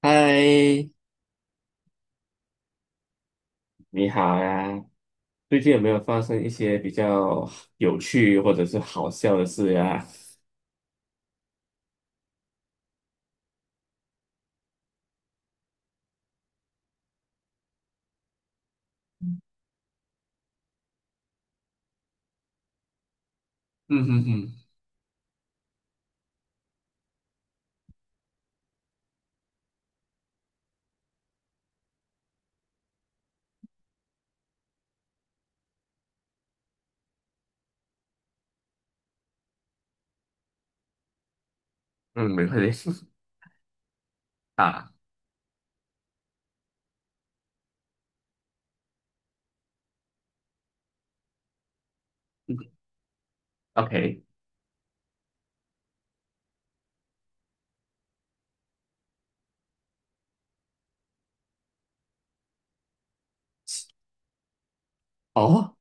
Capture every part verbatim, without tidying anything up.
嗨，你好呀！最近有没有发生一些比较有趣或者是好笑的事呀？嗯哼哼，嗯，没问题 啊。OK，哦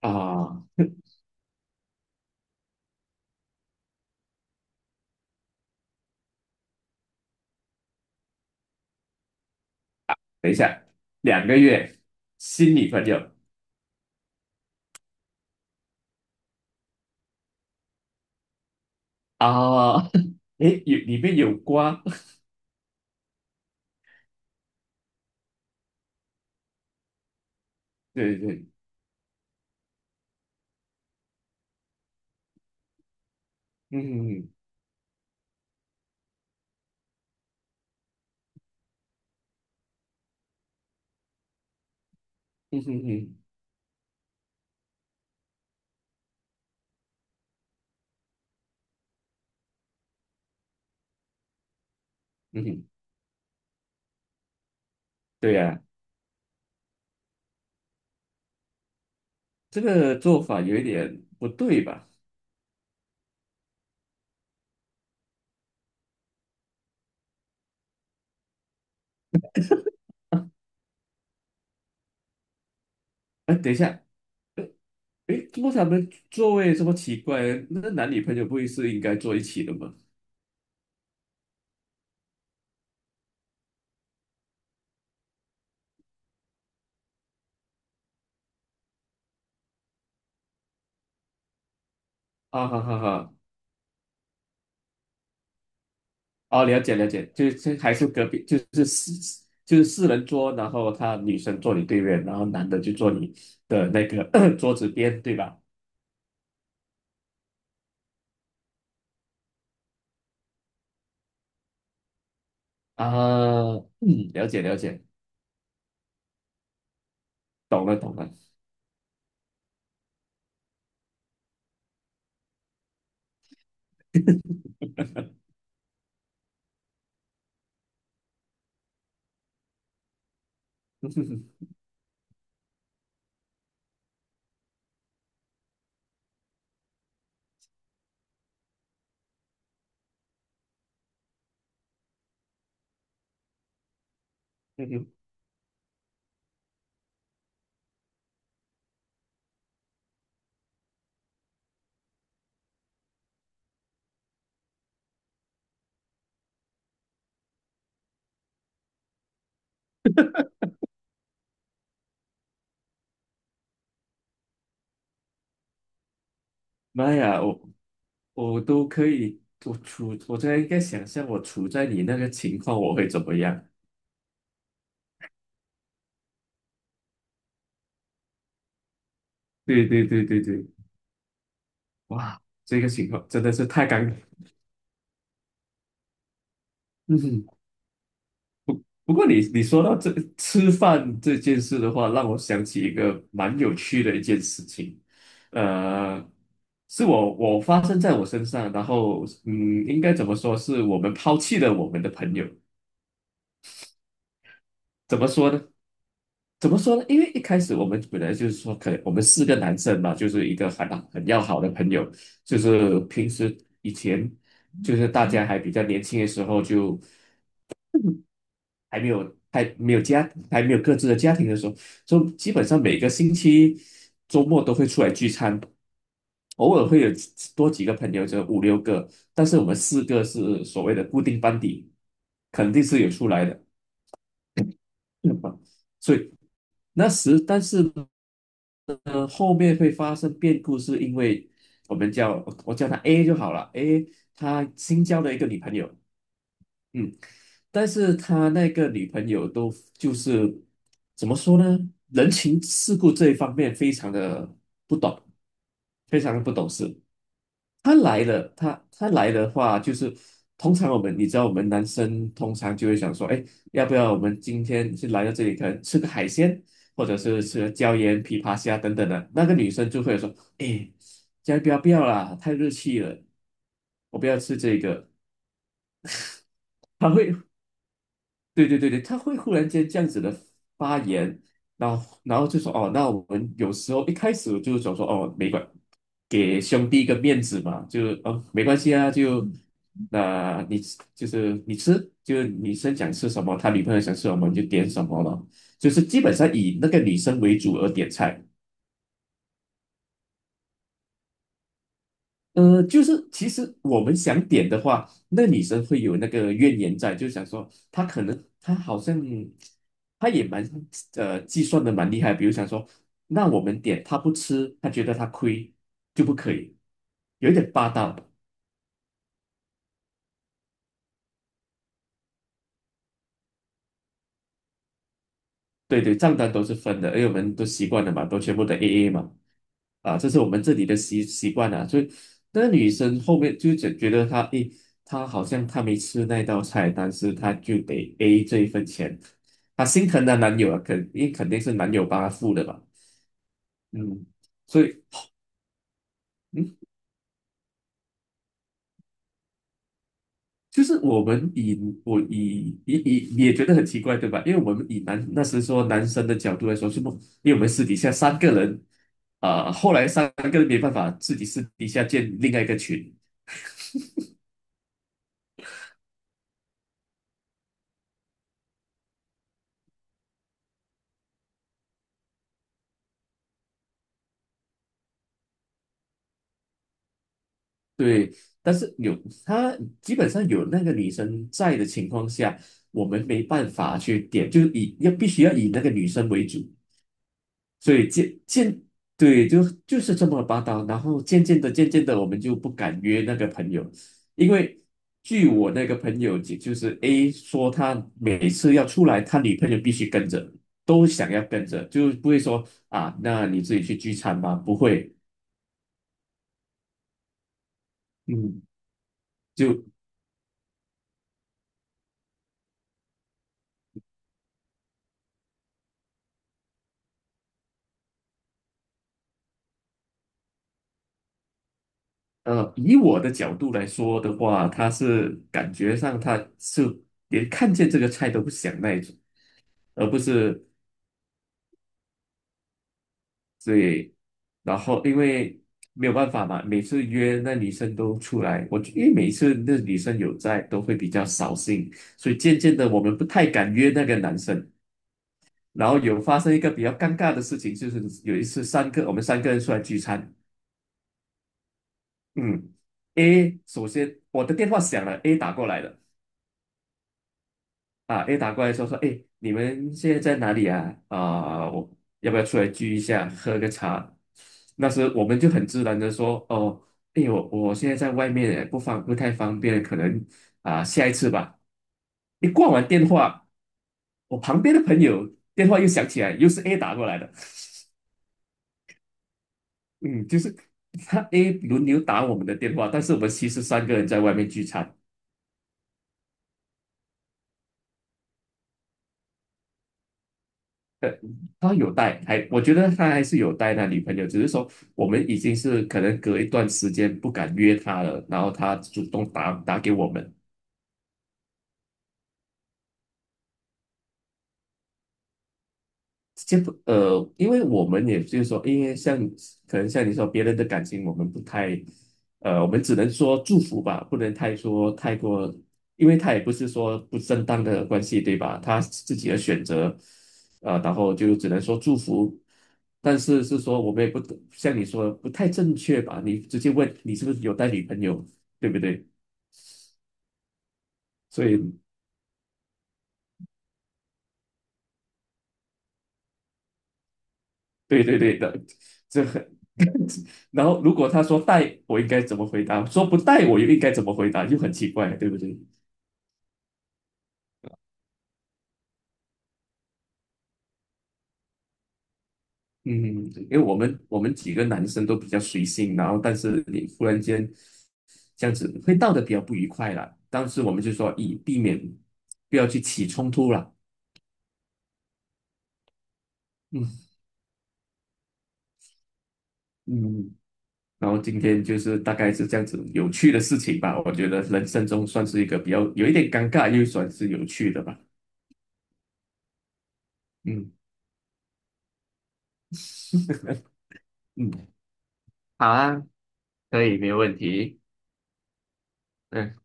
啊，等一下，两个月新女朋友啊？诶，有里面有瓜？对对对，嗯，嗯哼哼，嗯，哼，对呀，这个做法有一点不对吧？哎，等一下，诶，不过他们座位这么奇怪，那男女朋友不会是应该坐一起的吗？啊哈哈哈！哦，了解了解，就是还是隔壁，就是四就是四人桌，然后他女生坐你对面，然后男的就坐你的那个 桌子边，对吧？啊，嗯，了解了解，懂了懂了。妈呀，我我都可以，我处我现在应该想象我处在你那个情况，我会怎么样？对对对对对，哇，这个情况真的是太尴尬。嗯哼，不过你你说到这吃饭这件事的话，让我想起一个蛮有趣的一件事情，呃，是我我发生在我身上，然后嗯，应该怎么说是我们抛弃了我们的朋友，怎么说呢？怎么说呢？因为一开始我们本来就是说，可能我们四个男生嘛，就是一个很很要好的朋友，就是平时以前就是大家还比较年轻的时候就。还没有还没有家还没有各自的家庭的时候，就基本上每个星期周末都会出来聚餐，偶尔会有多几个朋友，就五六个，但是我们四个是所谓的固定班底，肯定是有出来的，嗯所以那时但是呢，后面会发生变故，是因为我们叫我叫他 A 就好了，A 他新交了一个女朋友。嗯，但是他那个女朋友都就是怎么说呢？人情世故这一方面非常的不懂，非常的不懂事。他来了，他他来的话，就是通常我们你知道，我们男生通常就会想说，哎，要不要我们今天是来到这里，可能吃个海鲜，或者是吃个椒盐琵琶虾等等的。那个女生就会说，哎，先不要不要啦，太热气了，我不要吃这个。他会对对对对，他会忽然间这样子的发言，然后然后就说哦，那我们有时候一开始就想说哦，没关，给兄弟一个面子嘛，就哦没关系啊，就那、你就是你吃，就女生想吃什么，他女朋友想吃什么你就点什么了，就是基本上以那个女生为主而点菜。呃，就是其实我们想点的话，那女生会有那个怨言在，就想说她可能她好像她也蛮呃计算的蛮厉害，比如想说，那我们点她不吃，她觉得她亏就不可以，有一点霸道。对对，账单都是分的，因为我们都习惯了嘛，都全部的 A A 嘛，啊，这是我们这里的习习惯啊。所以那个女生后面就觉觉得她，诶，她好像她没吃那道菜，但是她就得 A 这一份钱，她心疼她男友啊，肯因为肯定是男友帮她付的嘛，嗯，所以。嗯。就是我们以我以以以你也觉得很奇怪对吧？因为我们以男那时说男生的角度来说，是不？因为我们私底下三个人，啊、后来三个人没办法自己私底下建另外一个群，对。但是有他基本上有那个女生在的情况下，我们没办法去点，就是以要必须要以那个女生为主。所以渐渐对，就就是这么霸道。然后渐渐的、渐渐的，我们就不敢约那个朋友，因为据我那个朋友，就就是 A 说，他每次要出来，他女朋友必须跟着，都想要跟着，就不会说啊，那你自己去聚餐吧，不会。嗯，就呃，以我的角度来说的话，他是感觉上他是连看见这个菜都不想那一种。而不是对，然后因为没有办法嘛，每次约那女生都出来，我因为每次那女生有在，都会比较扫兴，所以渐渐的我们不太敢约那个男生。然后有发生一个比较尴尬的事情，就是有一次三个我们三个人出来聚餐，嗯，A 首先我的电话响了，A 打过来了。啊，a 打过来说说，诶，你们现在在哪里啊？啊，我要不要出来聚一下，喝个茶？那时我们就很自然的说，哦，诶，我我现在在外面欸，不方不太方便，可能啊下一次吧。一挂完电话，我旁边的朋友电话又响起来，又是 A 打过来的，嗯，就是 他 A 轮流打我们的电话，但是我们其实三个人在外面聚餐。对，他有带，还我觉得他还是有带那女朋友，只是说我们已经是可能隔一段时间不敢约他了，然后他主动打打给我们，这不呃，因为我们也就是说，因为像可能像你说别人的感情，我们不太呃，我们只能说祝福吧，不能太说太过，因为他也不是说不正当的关系，对吧？他自己的选择，呃，然后就只能说祝福，但是是说我们也不像你说的不太正确吧？你直接问你是不是有带女朋友，对不对？所以 对对对的，这很。然后如果他说带，我应该怎么回答？说不带，我又应该怎么回答？就很奇怪，对不对？嗯，因为我们我们几个男生都比较随性，然后但是你忽然间这样子会闹得比较不愉快啦。当时我们就说以避免不要去起冲突啦。嗯，嗯，然后今天就是大概是这样子有趣的事情吧，我觉得人生中算是一个比较有一点尴尬，又算是有趣的吧。嗯，嗯，好啊，可以，没有问题。嗯，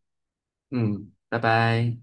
嗯，拜拜。